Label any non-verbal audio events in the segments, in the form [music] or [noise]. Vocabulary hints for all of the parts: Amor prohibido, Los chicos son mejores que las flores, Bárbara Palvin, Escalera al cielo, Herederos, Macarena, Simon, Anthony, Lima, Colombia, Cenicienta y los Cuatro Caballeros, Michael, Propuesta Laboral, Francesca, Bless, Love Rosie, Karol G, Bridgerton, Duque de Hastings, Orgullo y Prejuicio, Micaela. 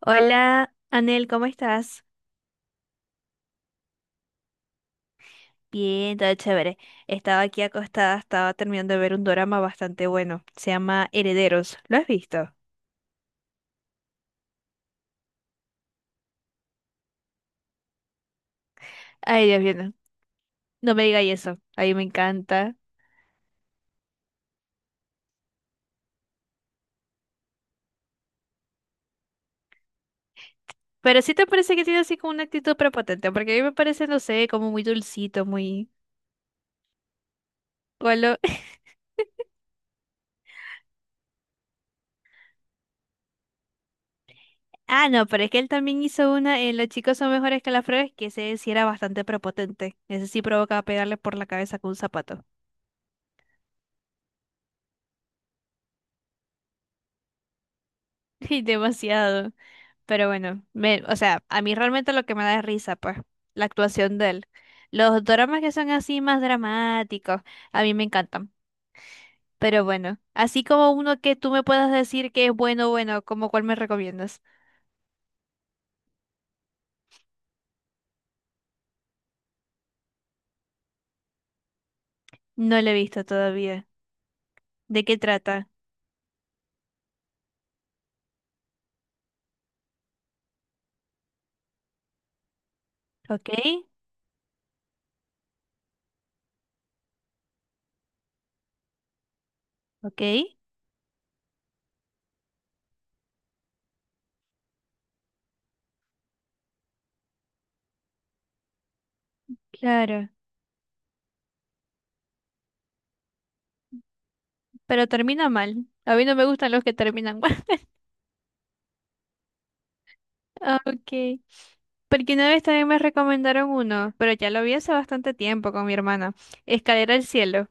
Hola, Anel, ¿cómo estás? Bien, todo chévere. Estaba aquí acostada, estaba terminando de ver un dorama bastante bueno. Se llama Herederos. ¿Lo has visto? Ay, Dios mío, no, no me digas eso. A mí me encanta. Pero sí te parece que tiene así como una actitud prepotente, porque a mí me parece, no sé, como muy dulcito, muy... Bueno, [laughs] ah, no, pero es que él también hizo una en Los chicos son mejores que las flores, que ese sí era bastante prepotente. Ese sí provocaba pegarle por la cabeza con un zapato. [laughs] Y demasiado. Pero bueno, o sea, a mí realmente lo que me da es risa, pues, la actuación de él. Los dramas que son así más dramáticos, a mí me encantan. Pero bueno, así como uno que tú me puedas decir que es bueno, bueno, como cuál me recomiendas. No lo he visto todavía. ¿De qué trata? ¿Ok? ¿Ok? Claro. Pero termina mal. A mí no me gustan los que terminan mal. [laughs] Ah, ok. Porque una vez también me recomendaron uno, pero ya lo vi hace bastante tiempo con mi hermana. Escalera al cielo.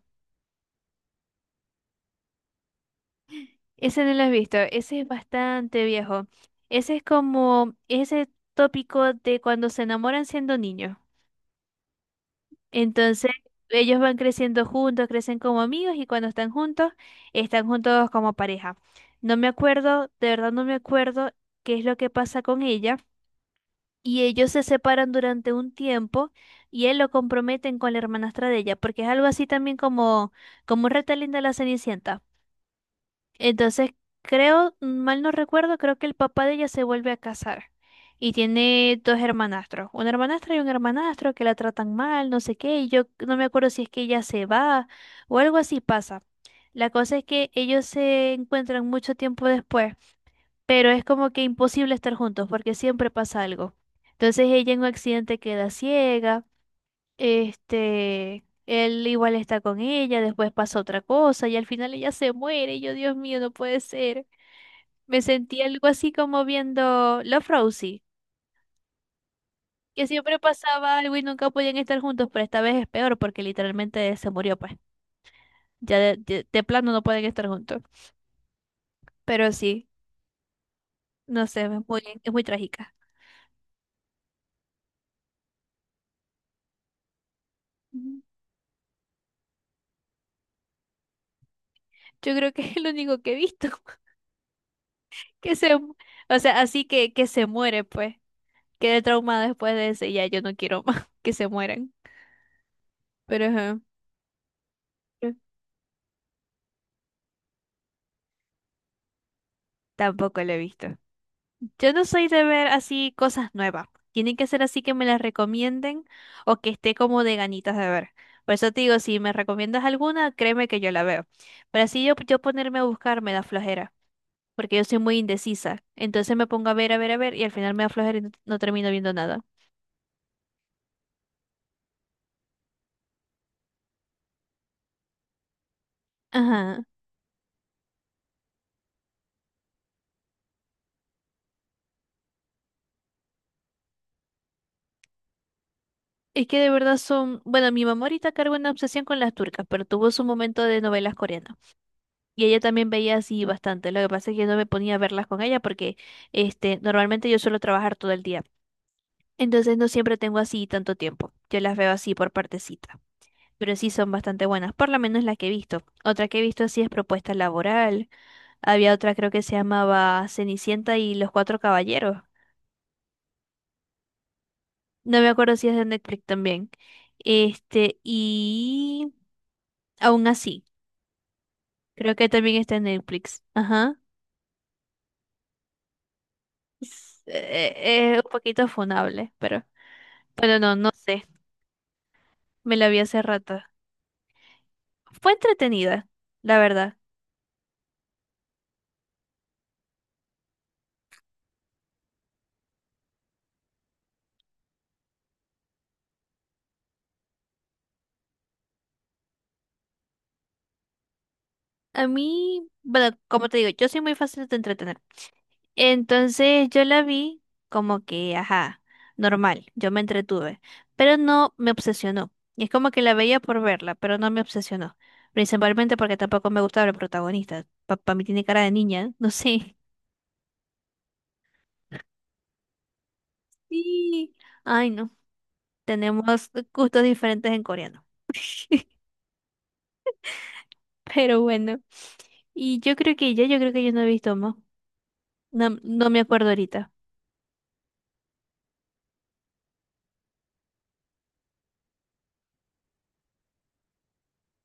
Ese no lo he visto, ese es bastante viejo. Ese es como ese tópico de cuando se enamoran siendo niños. Entonces, ellos van creciendo juntos, crecen como amigos y cuando están juntos como pareja. No me acuerdo, de verdad no me acuerdo qué es lo que pasa con ella. Y ellos se separan durante un tiempo y él lo comprometen con la hermanastra de ella, porque es algo así también como, como un retelling de la Cenicienta. Entonces, creo, mal no recuerdo, creo que el papá de ella se vuelve a casar y tiene dos hermanastros, una hermanastra y un hermanastro que la tratan mal, no sé qué, y yo no me acuerdo si es que ella se va o algo así pasa. La cosa es que ellos se encuentran mucho tiempo después, pero es como que imposible estar juntos porque siempre pasa algo. Entonces ella en un accidente queda ciega. Este, él igual está con ella, después pasa otra cosa y al final ella se muere. Y yo, Dios mío, no puede ser. Me sentí algo así como viendo Love Rosie, que siempre pasaba algo y nunca podían estar juntos, pero esta vez es peor porque literalmente se murió, pues. Ya de plano no pueden estar juntos. Pero sí, no sé, es muy trágica. Ujú. Yo creo que es lo único que he visto [laughs] que se, mu- o sea, que se muere, pues. Quedé traumada después de ese, ya yo no quiero más [laughs] que se mueran. Pero ajá, tampoco lo he visto. Yo no soy de ver así cosas nuevas. Tienen que ser así que me las recomienden o que esté como de ganitas de ver. Por eso te digo, si me recomiendas alguna, créeme que yo la veo. Pero así yo ponerme a buscar me da flojera, porque yo soy muy indecisa. Entonces me pongo a ver, a ver, a ver y al final me da flojera y no termino viendo nada. Ajá. Es que de verdad son... Bueno, mi mamá ahorita carga una obsesión con las turcas, pero tuvo su momento de novelas coreanas. Y ella también veía así bastante. Lo que pasa es que yo no me ponía a verlas con ella porque normalmente yo suelo trabajar todo el día. Entonces no siempre tengo así tanto tiempo. Yo las veo así por partecita. Pero sí son bastante buenas, por lo menos las que he visto. Otra que he visto así es Propuesta Laboral. Había otra creo que se llamaba Cenicienta y los Cuatro Caballeros. No me acuerdo si es de Netflix también. Este, y aún así, creo que también está en Netflix. Ajá. Es un poquito funable, pero... Bueno, no sé. Me la vi hace rato. Fue entretenida, la verdad. A mí, bueno, como te digo, yo soy muy fácil de entretener. Entonces yo la vi como que, ajá, normal. Yo me entretuve. Pero no me obsesionó. Y Es como que la veía por verla, pero no me obsesionó. Principalmente porque tampoco me gustaba el protagonista. Papá, mí tiene cara de niña, [laughs] no sé. Sí, ay, no. Tenemos gustos diferentes en coreano. [laughs] Pero bueno. Y yo creo que ya, yo creo que yo no he visto más. No me acuerdo ahorita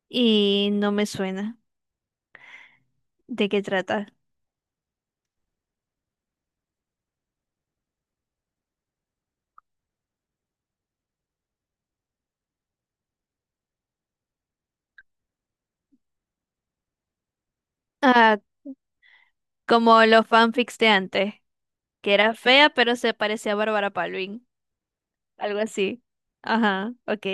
y no me suena de qué trata. Ah, como los fanfics de antes, que era fea pero se parecía a Bárbara Palvin, algo así. Ajá, ok.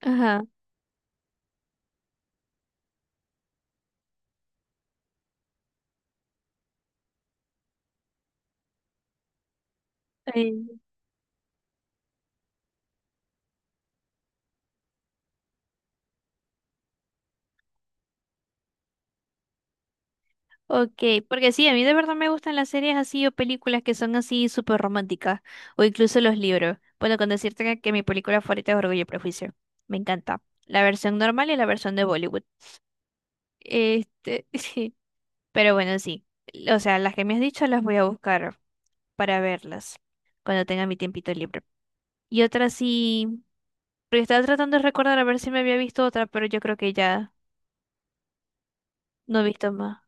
Ajá. eh, Ok, porque sí, a mí de verdad me gustan las series así o películas que son así súper románticas o incluso los libros. Bueno, con decirte que mi película favorita es Orgullo y Prejuicio. Me encanta. La versión normal y la versión de Bollywood. Este, [laughs] Pero bueno, sí. O sea, las que me has dicho las voy a buscar para verlas cuando tenga mi tiempito libre. Y otra sí, porque estaba tratando de recordar a ver si me había visto otra, pero yo creo que ya no he visto más.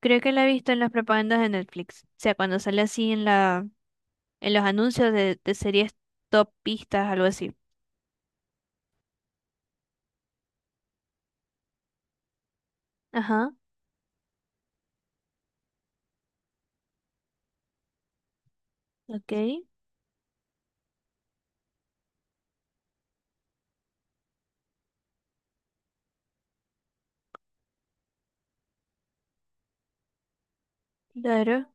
Creo que la he visto en las propagandas de Netflix. O sea, cuando sale así en los anuncios de series top pistas, algo así. Ajá, ok, claro.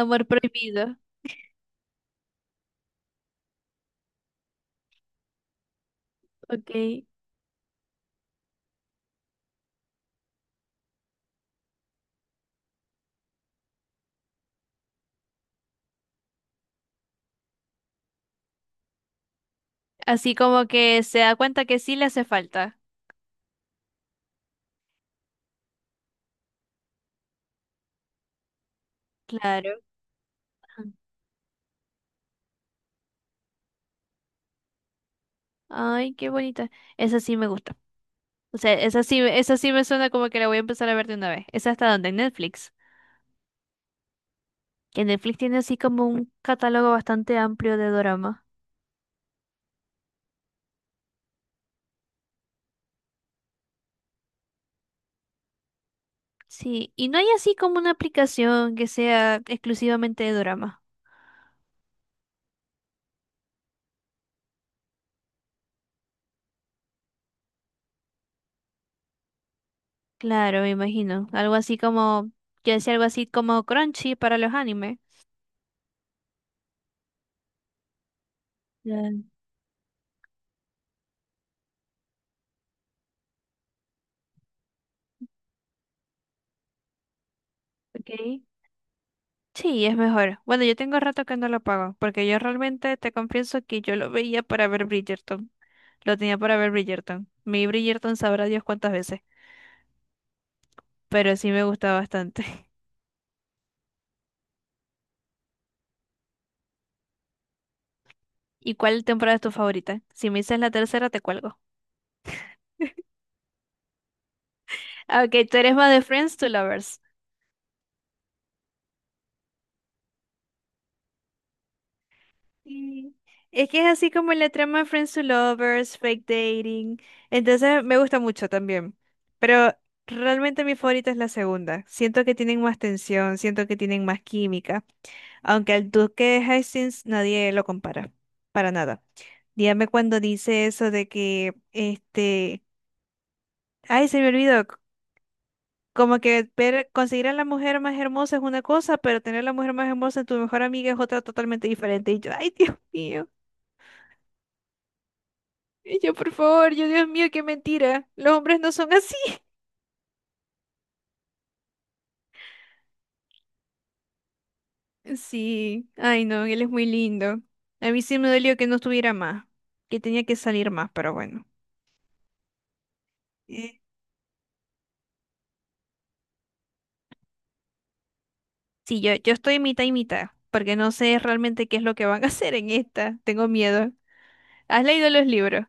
Amor prohibido, ok. Así como que se da cuenta que sí le hace falta. Claro. Ajá. Ay, qué bonita. Esa sí me gusta. O sea, esa sí me suena como que la voy a empezar a ver de una vez. ¿Esa está donde? En Netflix. Que Netflix tiene así como un catálogo bastante amplio de dorama. Sí, y no hay así como una aplicación que sea exclusivamente de dorama. Claro, me imagino. Algo así como, yo decía algo así como Crunchy para los animes. Claro. Ok. Sí, es mejor. Bueno, yo tengo rato que no lo pago, porque yo realmente te confieso que yo lo veía para ver Bridgerton. Lo tenía para ver Bridgerton. Mi Bridgerton sabrá Dios cuántas veces. Pero sí me gusta bastante. [laughs] ¿Y cuál temporada es tu favorita? Si me dices la tercera, te cuelgo. Ah, ok, tú eres más de Friends to Lovers. Sí. Es que es así como la trama de Friends to Lovers, fake dating. Entonces me gusta mucho también. Pero realmente mi favorita es la segunda. Siento que tienen más tensión, siento que tienen más química. Aunque el Duque de Hastings nadie lo compara. Para nada. Dígame cuando dice eso de que, ay, se me olvidó, como que ver, conseguir a la mujer más hermosa es una cosa, pero tener a la mujer más hermosa en tu mejor amiga es otra totalmente diferente. Y yo, ay, Dios mío. Y yo, por favor, yo, Dios mío, qué mentira. Los hombres no son así. [laughs] Sí, ay, no, él es muy lindo. A mí sí me dolió que no estuviera más, que tenía que salir más, pero bueno. Eh, Sí, yo estoy mitad y mitad, porque no sé realmente qué es lo que van a [laughs] hacer en esta. Tengo miedo. ¿Has leído los libros?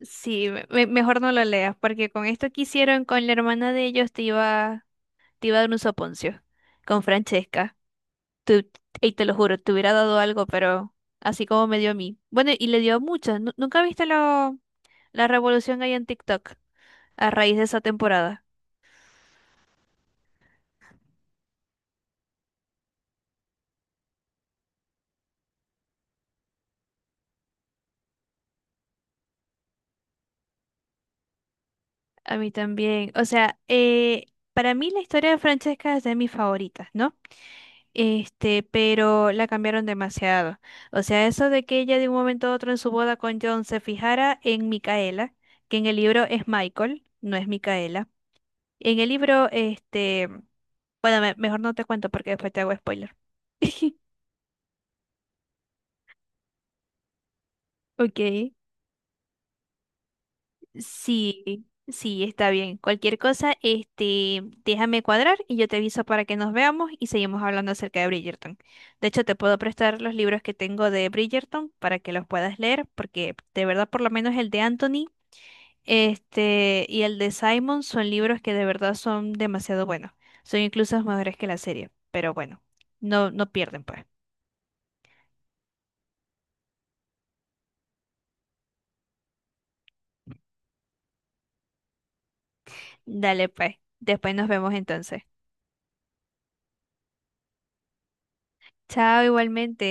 Sí, mejor no lo leas, porque con esto que hicieron con la hermana de ellos te iba. Te iba a dar un soponcio con Francesca. Tú- y te lo juro, te hubiera dado algo, pero así como me dio a mí. Bueno, y le dio a muchas. ¿Nunca viste la revolución que hay en TikTok a raíz de esa temporada? A mí también. O sea, para mí la historia de Francesca es de mis favoritas, ¿no? Pero la cambiaron demasiado. O sea, eso de que ella de un momento a otro en su boda con John se fijara en Micaela, que en el libro es Michael, no es Micaela. En el libro, bueno, mejor no te cuento porque después te hago spoiler. [laughs] Ok. Sí, está bien. Cualquier cosa, déjame cuadrar y yo te aviso para que nos veamos y seguimos hablando acerca de Bridgerton. De hecho, te puedo prestar los libros que tengo de Bridgerton para que los puedas leer, porque de verdad, por lo menos el de Anthony, y el de Simon son libros que de verdad son demasiado buenos. Son incluso mejores que la serie, pero bueno, no pierden, pues. Dale, pues. Después nos vemos entonces. Chao, igualmente.